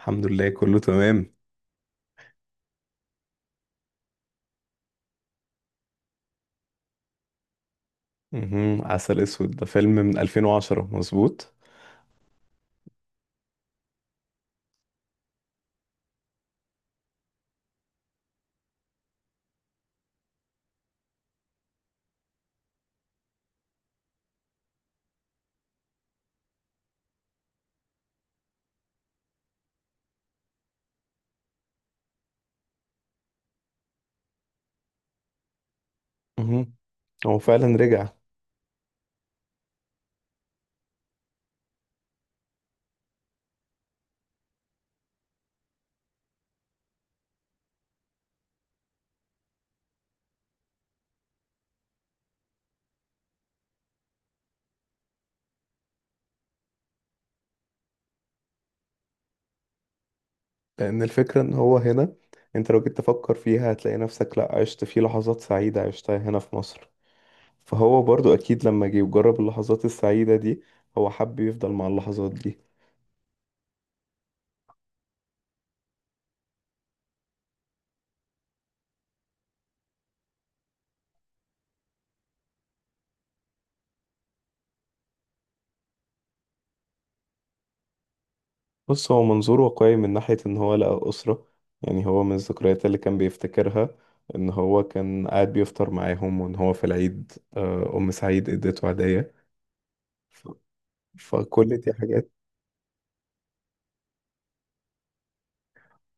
الحمد لله كله تمام. مهم. عسل اسود ده فيلم من 2010، مظبوط. مهم. هو فعلا رجع. لان الفكرة ان هو هنا، انت لو جيت تفكر فيها هتلاقي نفسك لا عشت فيه لحظات سعيدة عشتها هنا في مصر، فهو برضو اكيد لما جه وجرب اللحظات السعيدة دي هو حب يفضل مع اللحظات دي. بص، هو منظور واقعي من ناحية ان هو لقى اسرة. يعني هو من الذكريات اللي كان بيفتكرها ان هو كان قاعد بيفطر معاهم، وان هو في العيد ام سعيد اديته هدية. فكل دي حاجات.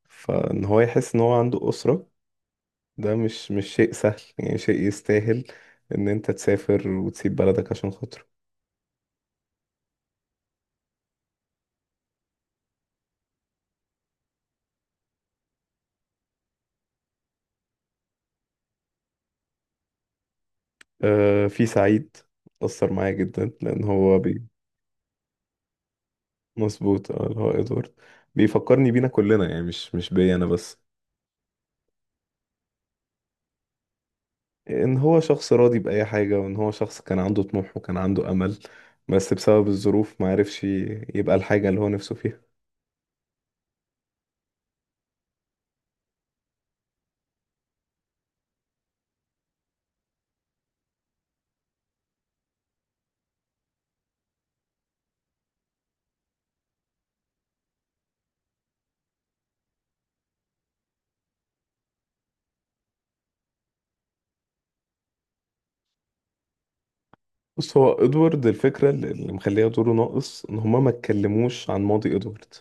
فان هو يحس ان هو عنده أسرة، ده مش شيء سهل، يعني شيء يستاهل ان انت تسافر وتسيب بلدك عشان خاطره. في سعيد أثر معايا جدا لان هو مظبوط. اه، اللي هو ادوارد بيفكرني بينا كلنا، يعني مش بيا انا بس. ان هو شخص راضي بأي حاجة، وان هو شخص كان عنده طموح وكان عنده أمل، بس بسبب الظروف ما عرفش يبقى الحاجة اللي هو نفسه فيها. بص، هو ادوارد الفكرة اللي مخليها دوره ناقص ان هما ما اتكلموش عن ماضي ادوارد،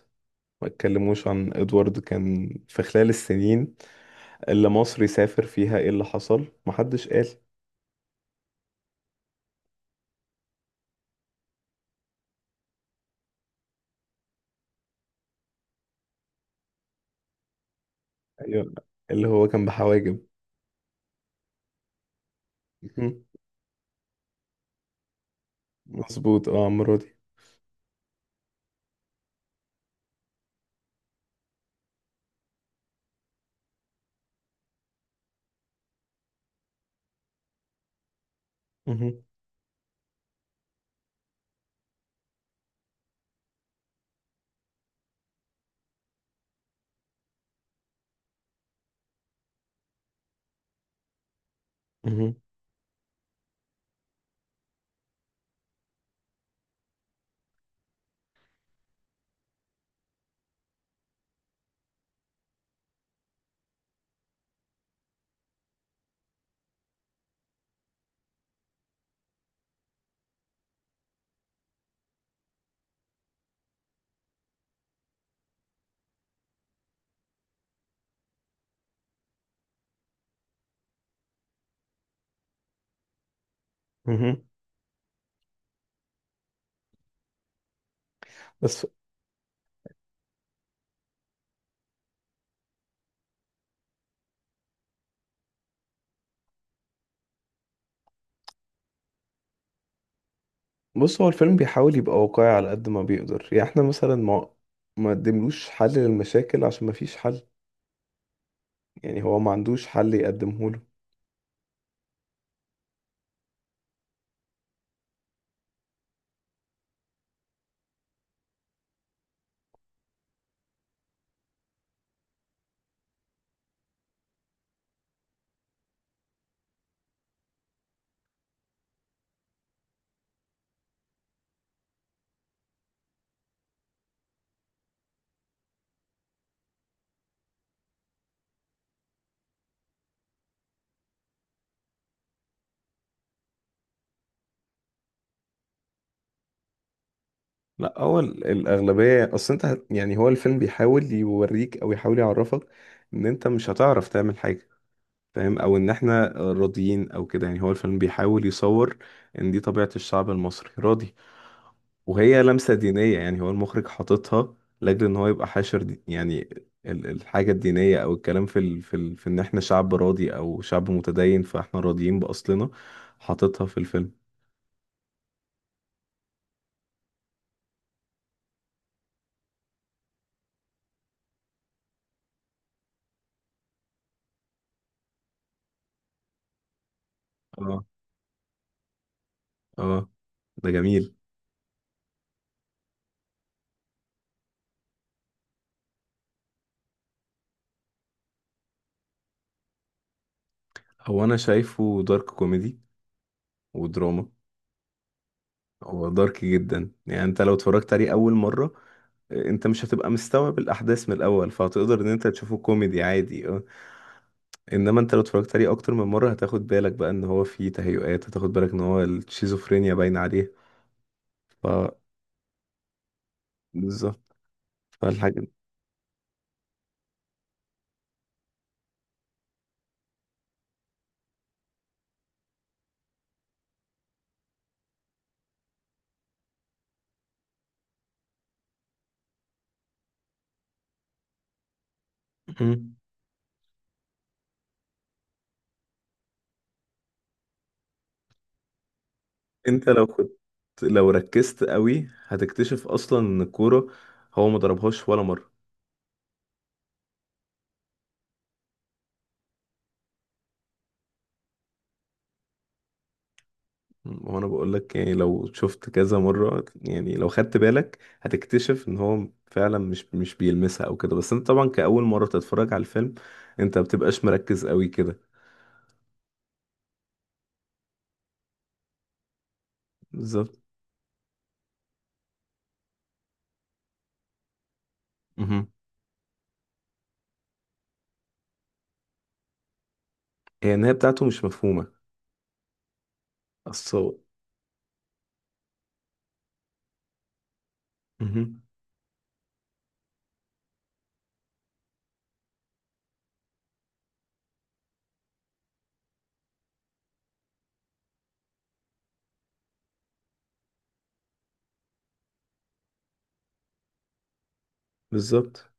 ما اتكلموش عن ادوارد كان في خلال السنين اللي مصر يسافر فيها، ايه اللي حصل؟ محدش قال. ايوه، اللي هو كان بحواجب. مهم. مظبوط، اه عمرو دي. مهم. مهم. مهم. بس بص، هو الفيلم بيحاول يبقى واقعي على قد ما بيقدر، يعني احنا مثلا ما قدملوش حل للمشاكل عشان ما فيش حل. يعني هو ما عندوش حل يقدمه. لا، هو الأغلبية، أصل أنت يعني هو الفيلم بيحاول يوريك أو يحاول يعرفك إن أنت مش هتعرف تعمل حاجة، فاهم؟ أو إن إحنا راضيين أو كده. يعني هو الفيلم بيحاول يصور إن دي طبيعة الشعب المصري، راضي. وهي لمسة دينية، يعني هو المخرج حاططها لأجل إن هو يبقى حاشر دي، يعني الحاجة الدينية أو الكلام في إن إحنا شعب راضي أو شعب متدين، فإحنا راضيين بأصلنا، حاططها في الفيلم. آه. آه. ده جميل. هو انا شايفه دارك كوميدي ودراما. هو دارك جدا، يعني انت لو اتفرجت عليه اول مرة انت مش هتبقى مستوعب الاحداث من الاول، فهتقدر ان انت تشوفه كوميدي عادي، اه. انما انت لو اتفرجت عليه اكتر من مرة هتاخد بالك بقى ان هو فيه تهيؤات، هتاخد بالك ان هو الشيزوفرينيا باينة عليه. ف بالظبط. فالحاجة دي. مم. انت لو كنت، لو ركزت قوي هتكتشف اصلا ان الكورة هو ما ضربهاش ولا مرة. وانا بقول لك، يعني لو شفت كذا مرة، يعني لو خدت بالك هتكتشف ان هو فعلا مش بيلمسها او كده، بس انت طبعا كأول مرة تتفرج على الفيلم انت ما بتبقاش مركز قوي كده. بالظبط. مهم. هي النهاية بتاعته مش مفهومة. اصل. مهم. بالظبط.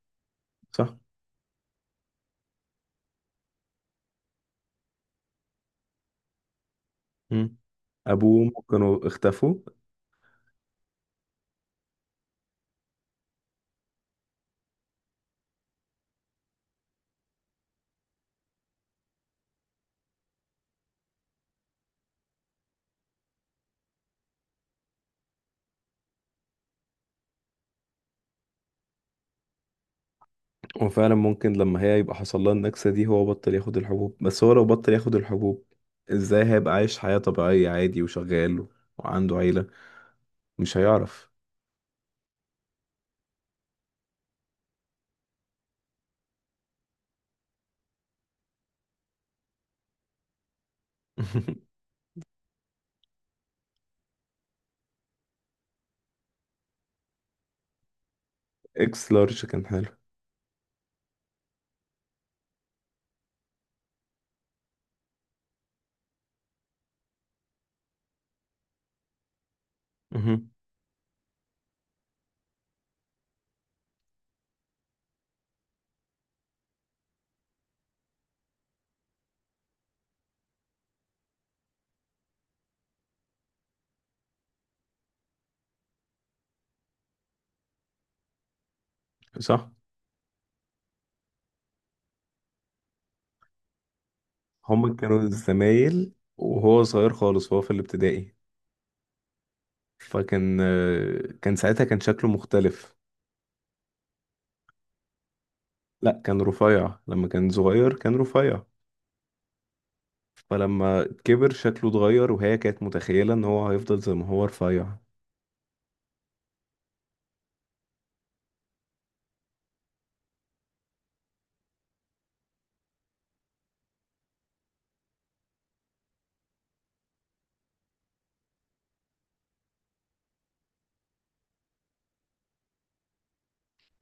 صح. مم. ابوه وامه كانوا اختفوا. وفعلا ممكن لما هي يبقى حصل لها النكسة دي هو بطل ياخد الحبوب، بس هو لو بطل ياخد الحبوب ازاي هيبقى عايش حياة طبيعية عادي وشغال وعنده عيلة؟ مش هيعرف. اكس لارج كان حلو. مهم. صح. هما كانوا زمايل وهو صغير خالص وهو في الابتدائي، فكان كان ساعتها كان شكله مختلف. لا، كان رفيع لما كان صغير، كان رفيع. فلما كبر شكله اتغير، وهي كانت متخيلة ان هو هيفضل زي ما هو رفيع.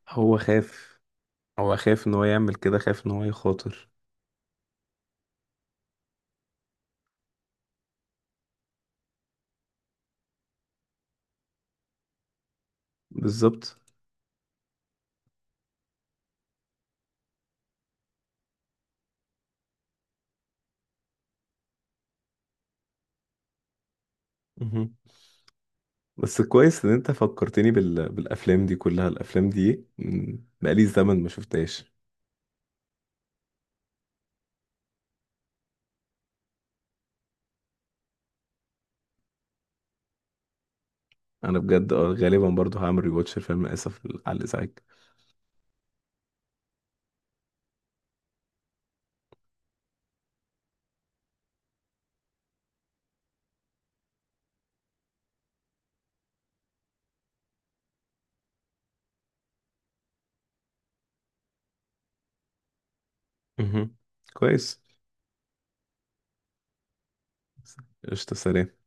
هو خاف. هو خاف ان هو يعمل كده، خاف ان هو يخاطر. بالظبط. مهم. بس كويس ان انت فكرتني بالافلام دي كلها، الافلام دي بقالي زمن ما شفتهاش. انا بجد اه غالبا برضو هعمل ريواتش الفيلم اسف على الازعاج. مهم. كويس. قشطة. سلام.